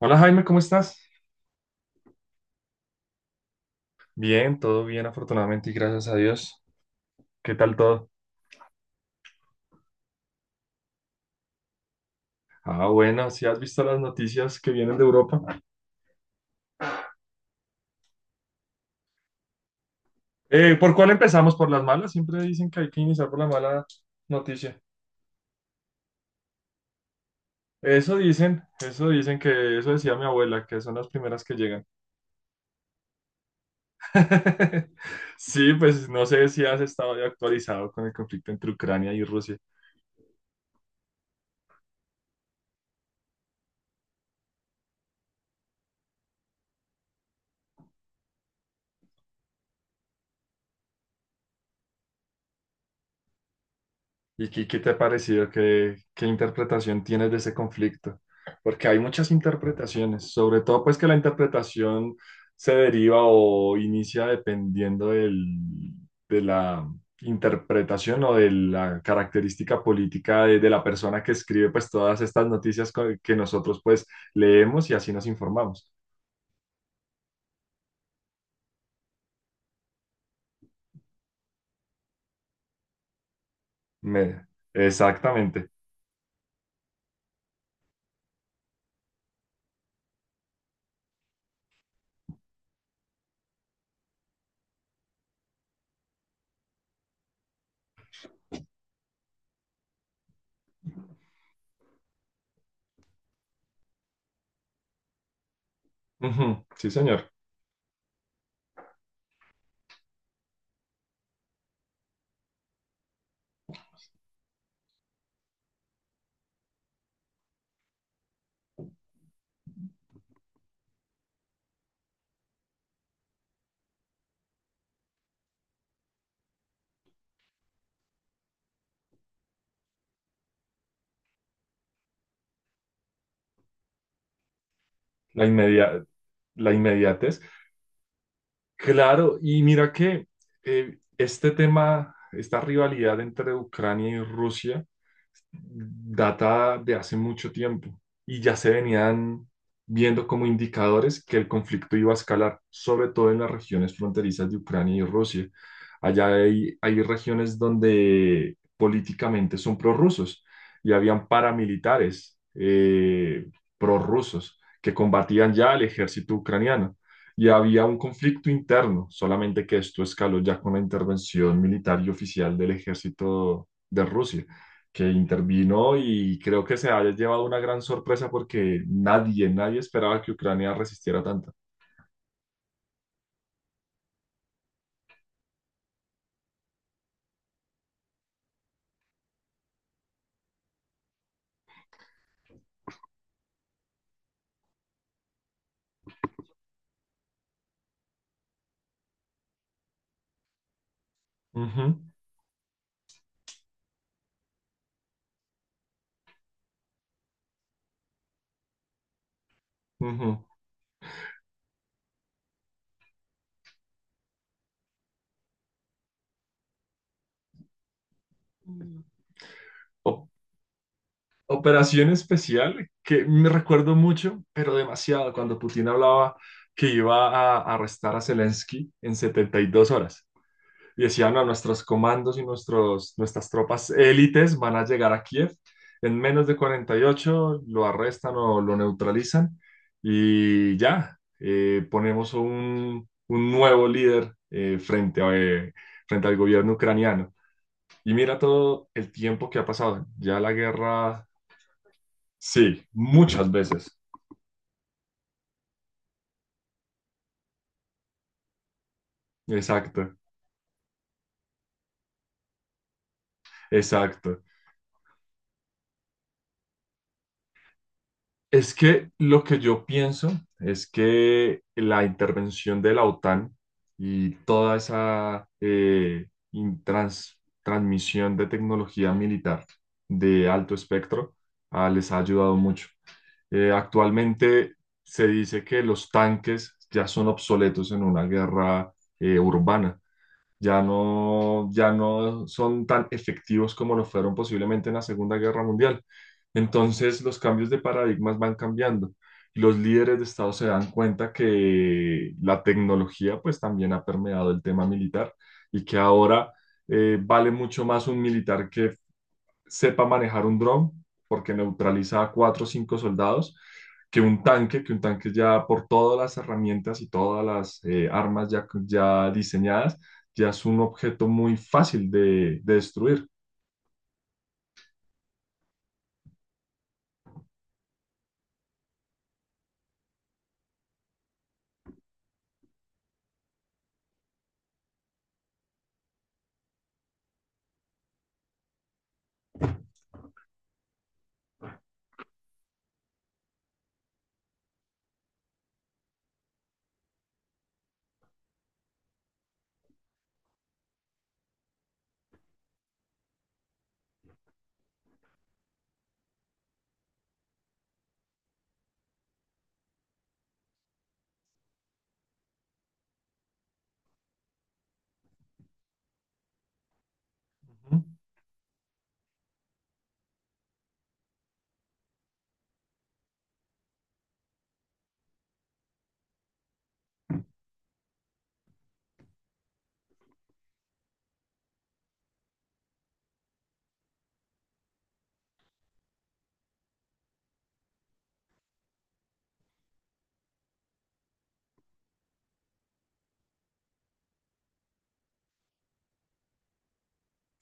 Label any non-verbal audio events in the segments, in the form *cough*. Hola Jaime, ¿cómo estás? Bien, todo bien, afortunadamente y gracias a Dios. ¿Qué tal todo? Ah, bueno, si has visto las noticias que vienen de Europa. ¿por cuál empezamos? ¿Por las malas? Siempre dicen que hay que iniciar por la mala noticia. Eso dicen que eso decía mi abuela, que son las primeras que llegan. *laughs* Sí, pues no sé si has estado ya actualizado con el conflicto entre Ucrania y Rusia. ¿Y qué te ha parecido? ¿Qué interpretación tienes de ese conflicto? Porque hay muchas interpretaciones, sobre todo pues que la interpretación se deriva o inicia dependiendo de la interpretación o de la característica política de la persona que escribe pues todas estas noticias que nosotros pues leemos y así nos informamos. Me- Exactamente. Ujú, sí, señor. La inmedia- la inmediatez. Claro, y mira que este tema, esta rivalidad entre Ucrania y Rusia data de hace mucho tiempo y ya se venían viendo como indicadores que el conflicto iba a escalar, sobre todo en las regiones fronterizas de Ucrania y Rusia. Allá hay regiones donde políticamente son prorrusos y habían paramilitares prorrusos que combatían ya al ejército ucraniano. Y había un conflicto interno, solamente que esto escaló ya con la intervención militar y oficial del ejército de Rusia que intervino, y creo que se haya llevado una gran sorpresa porque nadie, nadie esperaba que Ucrania resistiera tanto. Ujú, ujú. Mm. O- Operación especial que me recuerdo mucho, pero demasiado, cuando Putin hablaba que iba a arrestar a Zelensky en 72 horas. Y decían, no, nuestros comandos y nuestras tropas élites van a llegar a Kiev. En menos de 48 lo arrestan o lo neutralizan y ya, ponemos un nuevo líder frente al gobierno ucraniano. Y mira todo el tiempo que ha pasado. Ya la guerra, sí, muchas veces. Exacto, exacto. Es que lo que yo pienso es que la intervención de la OTAN y toda esa transmisión de tecnología militar de alto espectro, les ha ayudado mucho. Actualmente se dice que los tanques ya son obsoletos en una guerra urbana. Ya no, ya no son tan efectivos como lo fueron posiblemente en la Segunda Guerra Mundial. Entonces, los cambios de paradigmas van cambiando. Y los líderes de Estado se dan cuenta que la tecnología pues también ha permeado el tema militar, y que ahora vale mucho más un militar que sepa manejar un dron, porque neutraliza a cuatro o cinco soldados, que un tanque, ya por todas las herramientas y todas las armas ya diseñadas, ya es un objeto muy fácil de destruir. Ujú.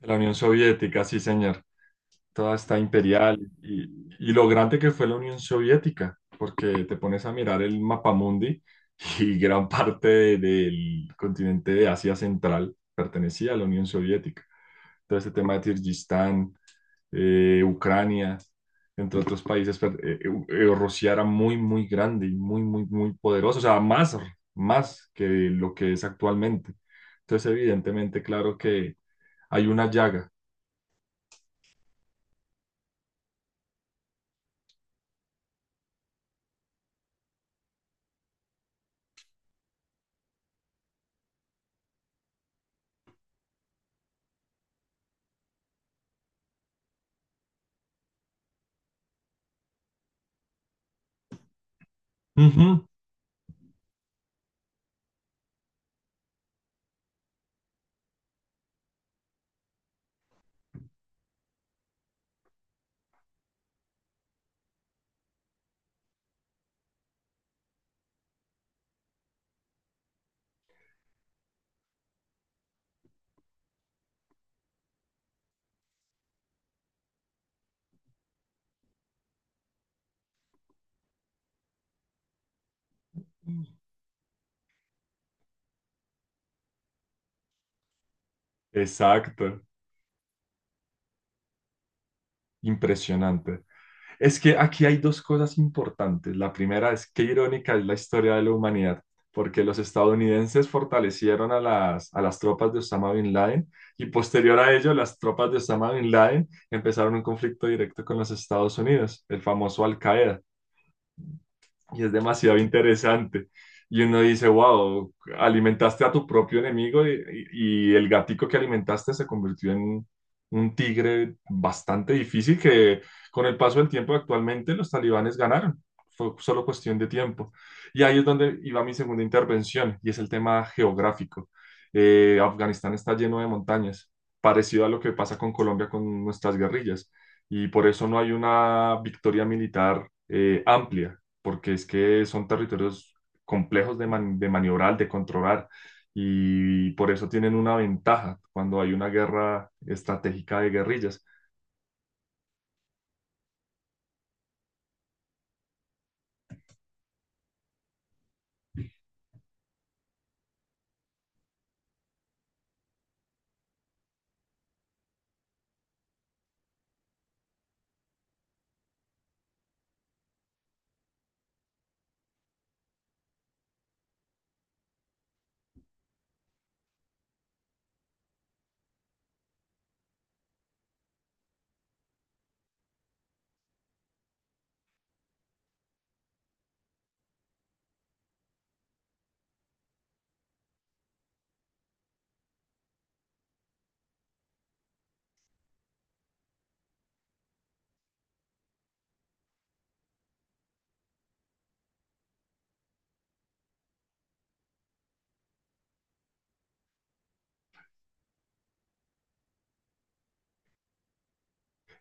La Unión Soviética, sí, señor, toda está imperial y lo grande que fue la Unión Soviética, porque te pones a mirar el mapamundi *laughs* y gran parte del continente de Asia Central pertenecía a la Unión Soviética. Todo este tema de Kirguistán, Ucrania, entre otros países, pero, Rusia era muy, muy grande y muy, muy, muy poderoso, o sea, más, más que lo que es actualmente. Entonces, evidentemente, claro que hay una llaga. Ujú. Exacto, impresionante. Es que aquí hay dos cosas importantes. La primera es qué irónica es la historia de la humanidad, porque los estadounidenses fortalecieron a las tropas de Osama Bin Laden, y posterior a ello las tropas de Osama Bin Laden empezaron un conflicto directo con los Estados Unidos, el famoso Al Qaeda, y es demasiado interesante. Y uno dice, wow, alimentaste a tu propio enemigo, y el gatico que alimentaste se convirtió en un tigre bastante difícil, que con el paso del tiempo actualmente los talibanes ganaron. Fue solo cuestión de tiempo. Y ahí es donde iba mi segunda intervención, y es el tema geográfico. Afganistán está lleno de montañas, parecido a lo que pasa con Colombia con nuestras guerrillas. Y por eso no hay una victoria militar amplia, porque es que son territorios complejos de maniobrar, de controlar, y por eso tienen una ventaja cuando hay una guerra estratégica de guerrillas.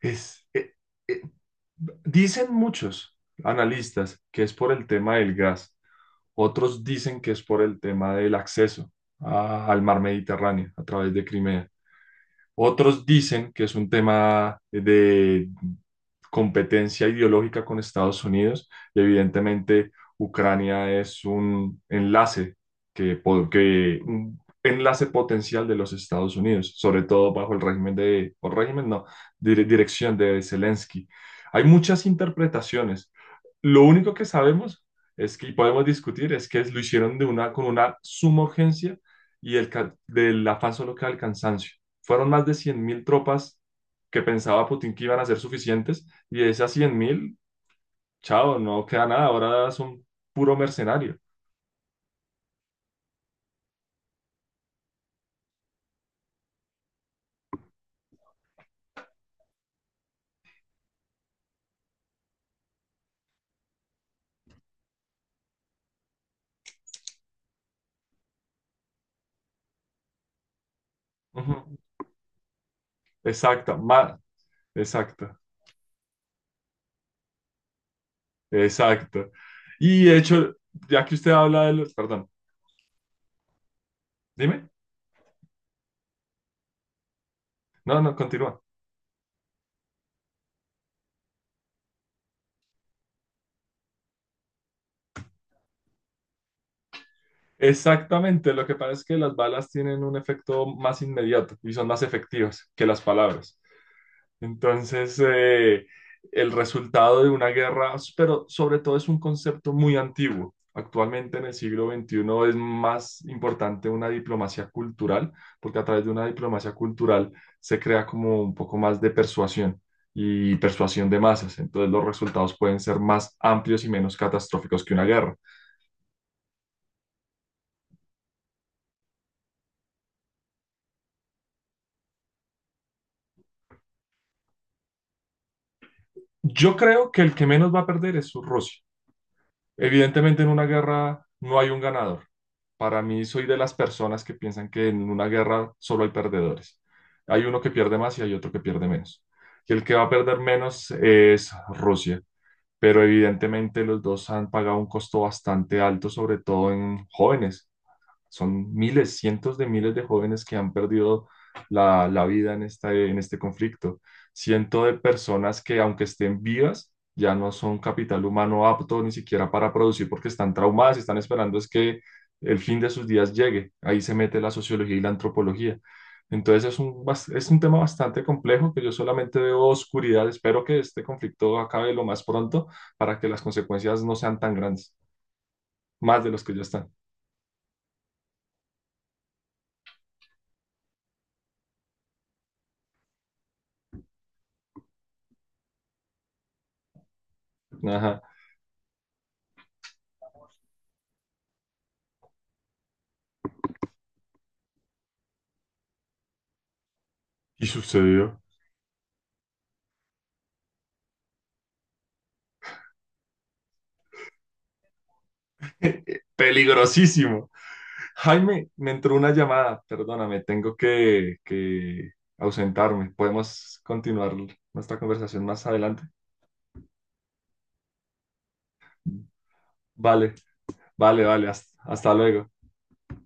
Es, eh, eh, Dicen muchos analistas que es por el tema del gas, otros dicen que es por el tema del acceso al mar Mediterráneo a través de Crimea. Otros dicen que es un tema de competencia ideológica con Estados Unidos, y evidentemente Ucrania es un enlace que, que un enlace potencial de los Estados Unidos, sobre todo bajo el régimen de, o régimen no, dirección de Zelensky. Hay muchas interpretaciones. Lo único que sabemos es que, y podemos discutir, es que lo hicieron de una, con una suma urgencia, y del afán solo queda el cansancio. Fueron más de 100.000 tropas que pensaba Putin que iban a ser suficientes, y de esas 100.000, chao, no queda nada. Ahora son puro mercenario. Ujú, exacta, exacta, exacta. Y de hecho, ya que usted habla de los. Perdón, dime. No, no, continúa. Exactamente, lo que pasa es que las balas tienen un efecto más inmediato y son más efectivas que las palabras. Entonces, el resultado de una guerra, pero sobre todo es un concepto muy antiguo. Actualmente en el siglo XXI es más importante una diplomacia cultural, porque a través de una diplomacia cultural se crea como un poco más de persuasión y persuasión de masas. Entonces los resultados pueden ser más amplios y menos catastróficos que una guerra. Yo creo que el que menos va a perder es Rusia. Evidentemente en una guerra no hay un ganador. Para mí, soy de las personas que piensan que en una guerra solo hay perdedores. Hay uno que pierde más y hay otro que pierde menos. Y el que va a perder menos es Rusia. Pero evidentemente los dos han pagado un costo bastante alto, sobre todo en jóvenes. Son miles, cientos de miles de jóvenes que han perdido la vida en en este conflicto. Cientos de personas que, aunque estén vivas, ya no son capital humano apto ni siquiera para producir porque están traumadas y están esperando es que el fin de sus días llegue. Ahí se mete la sociología y la antropología. Entonces es un tema bastante complejo, que yo solamente veo oscuridad. Espero que este conflicto acabe lo más pronto para que las consecuencias no sean tan grandes, más de los que ya están. Ajá. Y sucedió. *laughs* Peligrosísimo. Jaime, me entró una llamada. Perdóname, tengo que ausentarme. Podemos continuar nuestra conversación más adelante. Vale, vale, vale. Hasta luego.